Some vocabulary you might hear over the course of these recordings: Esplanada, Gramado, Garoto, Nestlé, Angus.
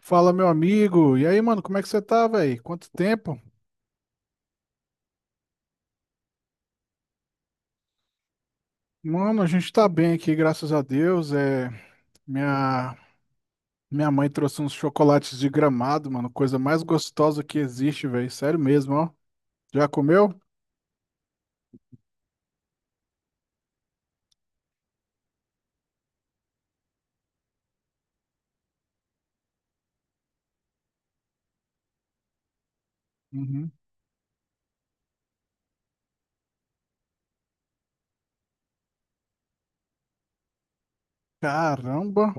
Fala, meu amigo. E aí, mano, como é que você tá, velho? Quanto tempo? Mano, a gente tá bem aqui, graças a Deus. É, minha minha mãe trouxe uns chocolates de Gramado, mano, coisa mais gostosa que existe, velho. Sério mesmo, ó. Já comeu? Uhum. Caramba.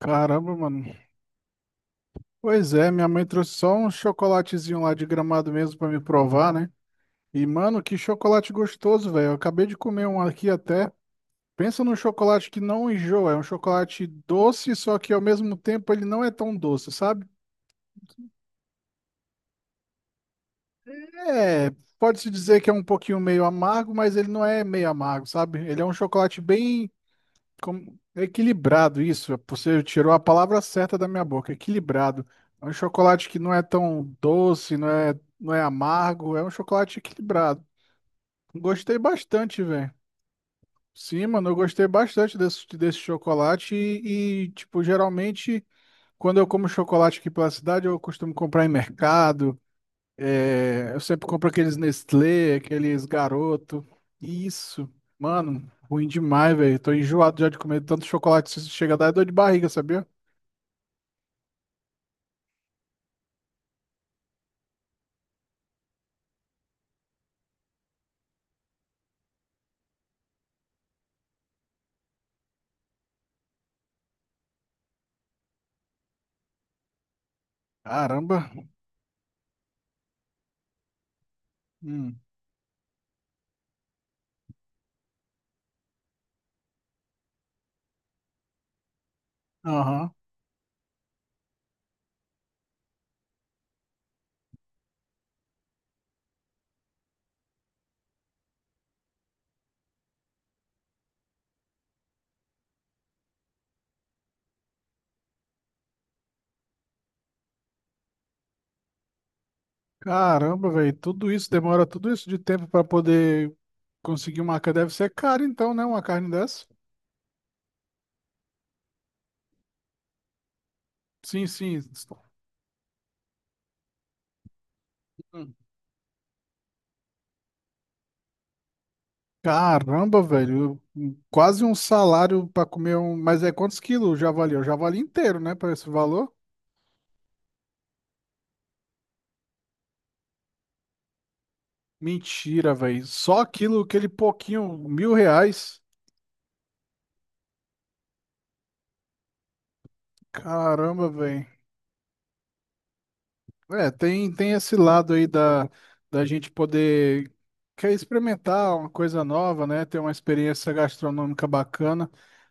Caramba, mano. Pois é, minha mãe trouxe só um chocolatezinho lá de Gramado mesmo pra me provar, né? E, mano, que chocolate gostoso, velho. Eu acabei de comer um aqui até. Pensa num chocolate que não enjoa, é um chocolate doce, só que ao mesmo tempo ele não é tão doce, sabe? É, pode-se dizer que é um pouquinho meio amargo, mas ele não é meio amargo, sabe? Ele é um chocolate bem equilibrado, isso. Você tirou a palavra certa da minha boca, equilibrado. É um chocolate que não é tão doce, não é, não é amargo, é um chocolate equilibrado. Gostei bastante, velho. Sim, mano, eu gostei bastante desse chocolate e tipo, geralmente. Quando eu como chocolate aqui pela cidade, eu costumo comprar em mercado. É, eu sempre compro aqueles Nestlé, aqueles Garoto. Isso, mano, ruim demais, velho. Tô enjoado já de comer tanto chocolate. Se chega a dar dor de barriga, sabia? Caramba. Hum. Aham. Caramba, velho. Tudo isso demora tudo isso de tempo pra poder conseguir uma carne. Deve ser caro, então, né? Uma carne dessa. Sim, sim. Caramba, velho, quase um salário pra comer um. Mas é quantos quilos o javali? É o javali inteiro, né? Para esse valor? Mentira, velho. Só aquilo, aquele pouquinho, R$ 1.000. Caramba, velho. É, tem esse lado aí da, da gente poder quer experimentar uma coisa nova, né? Ter uma experiência gastronômica bacana.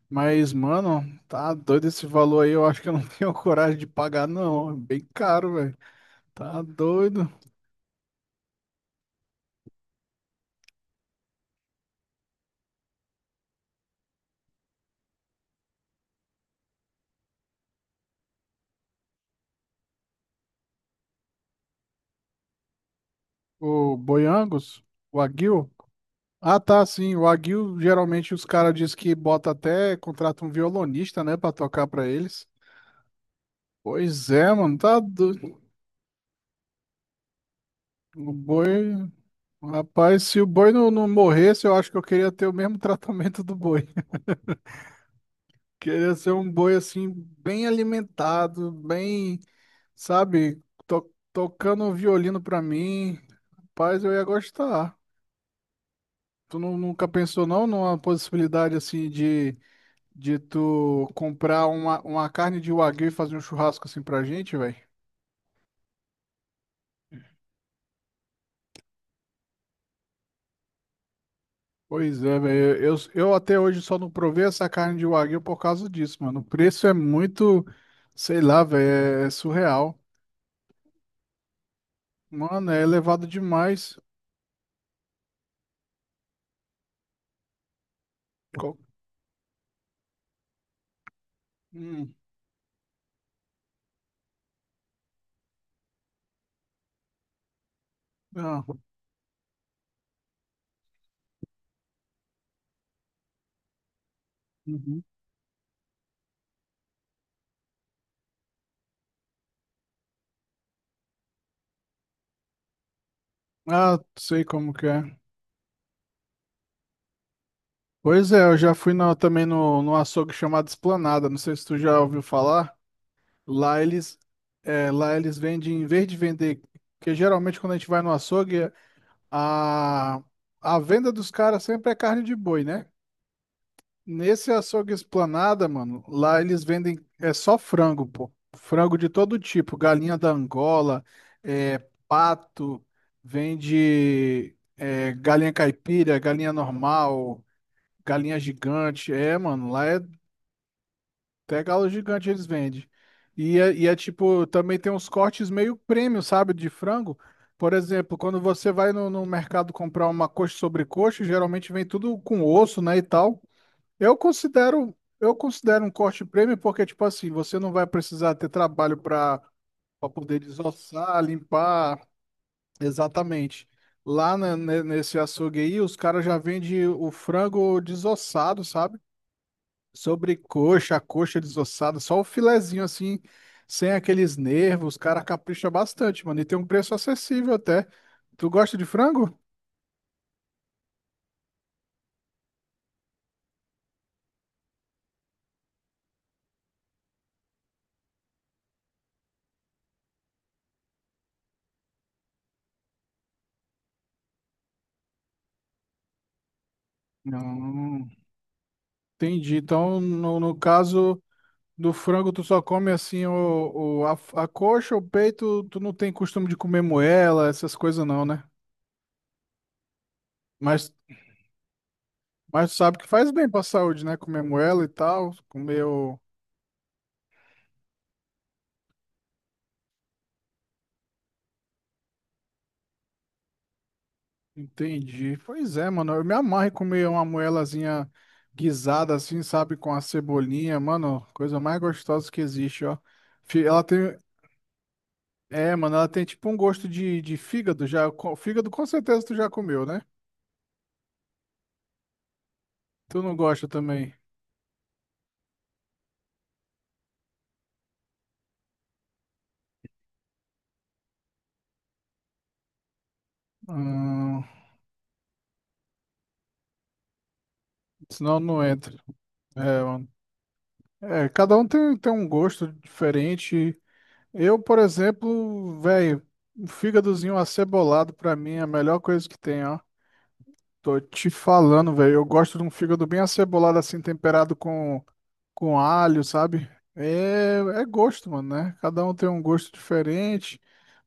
Mas, mano, tá doido esse valor aí. Eu acho que eu não tenho coragem de pagar, não. É bem caro, velho. Tá doido. O boi Angus? O aguil? Ah, tá, sim. O aguil, geralmente os caras dizem que bota até, contrata um violonista, né, pra tocar pra eles. Pois é, mano, tá doido. O boi. Rapaz, se o boi não morresse, eu acho que eu queria ter o mesmo tratamento do boi. Queria ser um boi, assim, bem alimentado, bem, sabe, tocando um violino pra mim. Rapaz, eu ia gostar. Tu nunca pensou, não, numa possibilidade, assim, de. De tu comprar uma carne de wagyu e fazer um churrasco assim pra gente, velho. Pois é, velho. Eu até hoje só não provei essa carne de wagyu por causa disso, mano. O preço é muito, sei lá, velho, é surreal. Mano, é elevado demais. Co- Hum, ah, uhum. Ah, sei como que é. Pois é, eu já fui na- também no, no açougue chamado Esplanada. Não sei se tu já ouviu falar. Lá eles, é, lá eles vendem, em vez de vender, porque geralmente quando a gente vai no açougue, A, a venda dos caras sempre é carne de boi, né? Nesse açougue Esplanada, mano, lá eles vendem é só frango, pô. Frango de todo tipo, galinha da Angola, é, pato, vende é, galinha caipira, galinha normal, galinha gigante. É, mano, lá é até galo gigante eles vendem. E é tipo, também tem uns cortes meio premium, sabe, de frango. Por exemplo, quando você vai no mercado comprar uma coxa sobre coxa, geralmente vem tudo com osso, né, e tal. Eu considero um corte premium porque, tipo assim, você não vai precisar ter trabalho para poder desossar, limpar, exatamente. Lá nesse açougue aí, os caras já vendem o frango desossado, sabe? Sobrecoxa, a coxa desossada, só o filezinho assim, sem aqueles nervos, os caras capricha bastante, mano. E tem um preço acessível até. Tu gosta de frango? Não. Entendi. Então, no caso do frango, tu só come assim o, a coxa, o peito, tu não tem costume de comer moela, essas coisas não, né? Mas, mas tu sabe que faz bem pra saúde, né? Comer moela e tal, comer o- Entendi. Pois é, mano. Eu me amarro em comer uma moelazinha guisada assim, sabe? Com a cebolinha, mano. Coisa mais gostosa que existe, ó. Ela tem. É, mano, ela tem tipo um gosto de fígado já. Fígado com certeza tu já comeu, né? Tu não gosta também. Hum, senão não entra. É, mano. É, cada um tem, tem um gosto diferente. Eu, por exemplo, velho, um fígadozinho acebolado pra mim é a melhor coisa que tem, ó. Tô te falando, velho. Eu gosto de um fígado bem acebolado, assim, temperado com alho, sabe? É, é gosto, mano, né? Cada um tem um gosto diferente.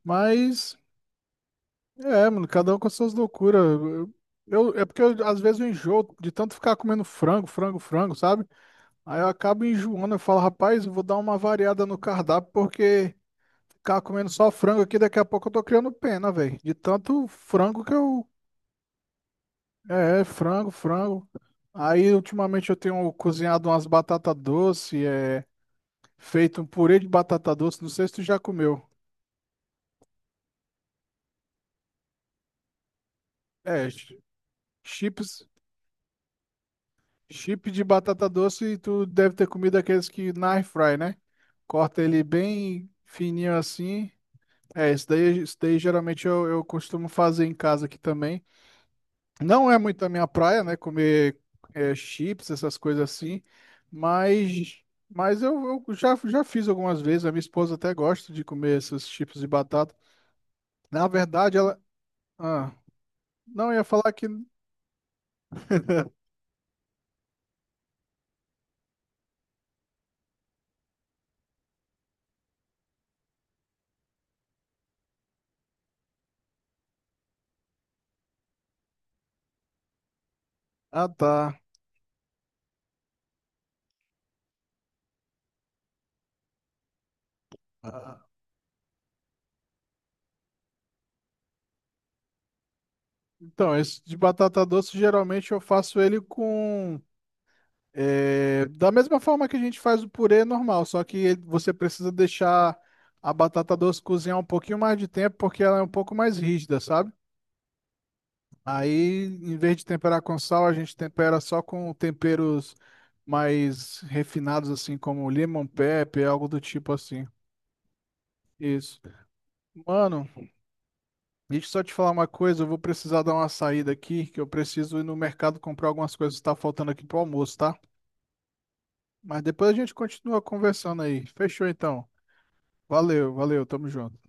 Mas, é, mano, cada um com as suas loucuras. É porque eu, às vezes eu enjoo de tanto ficar comendo frango, frango, frango, sabe? Aí eu acabo enjoando. Eu falo, rapaz, eu vou dar uma variada no cardápio, porque ficar comendo só frango aqui, daqui a pouco eu tô criando pena, velho. De tanto frango que eu é, é frango, frango. Aí, ultimamente, eu tenho cozinhado umas batata doce, é, feito um purê de batata doce. Não sei se tu já comeu. É, chi- chips, chip de batata doce, e tu deve ter comido aqueles que na air fry, né? Corta ele bem fininho assim. É, isso daí geralmente eu costumo fazer em casa aqui também. Não é muito a minha praia, né? Comer é, chips, essas coisas assim. Mas, mas eu já, já fiz algumas vezes. A minha esposa até gosta de comer esses chips de batata. Na verdade, ela. Ah, não, eu ia falar que. Ah, tá. Ah, Então, esse de batata doce, geralmente eu faço ele com. É, da mesma forma que a gente faz o purê normal, só que ele- você precisa deixar a batata doce cozinhar um pouquinho mais de tempo, porque ela é um pouco mais rígida, sabe? Aí, em vez de temperar com sal, a gente tempera só com temperos mais refinados, assim, como lemon pepper, algo do tipo assim. Isso. Mano, deixa eu só te falar uma coisa, eu vou precisar dar uma saída aqui, que eu preciso ir no mercado comprar algumas coisas que tá faltando aqui pro almoço, tá? Mas depois a gente continua conversando aí. Fechou então. Valeu, valeu, tamo junto.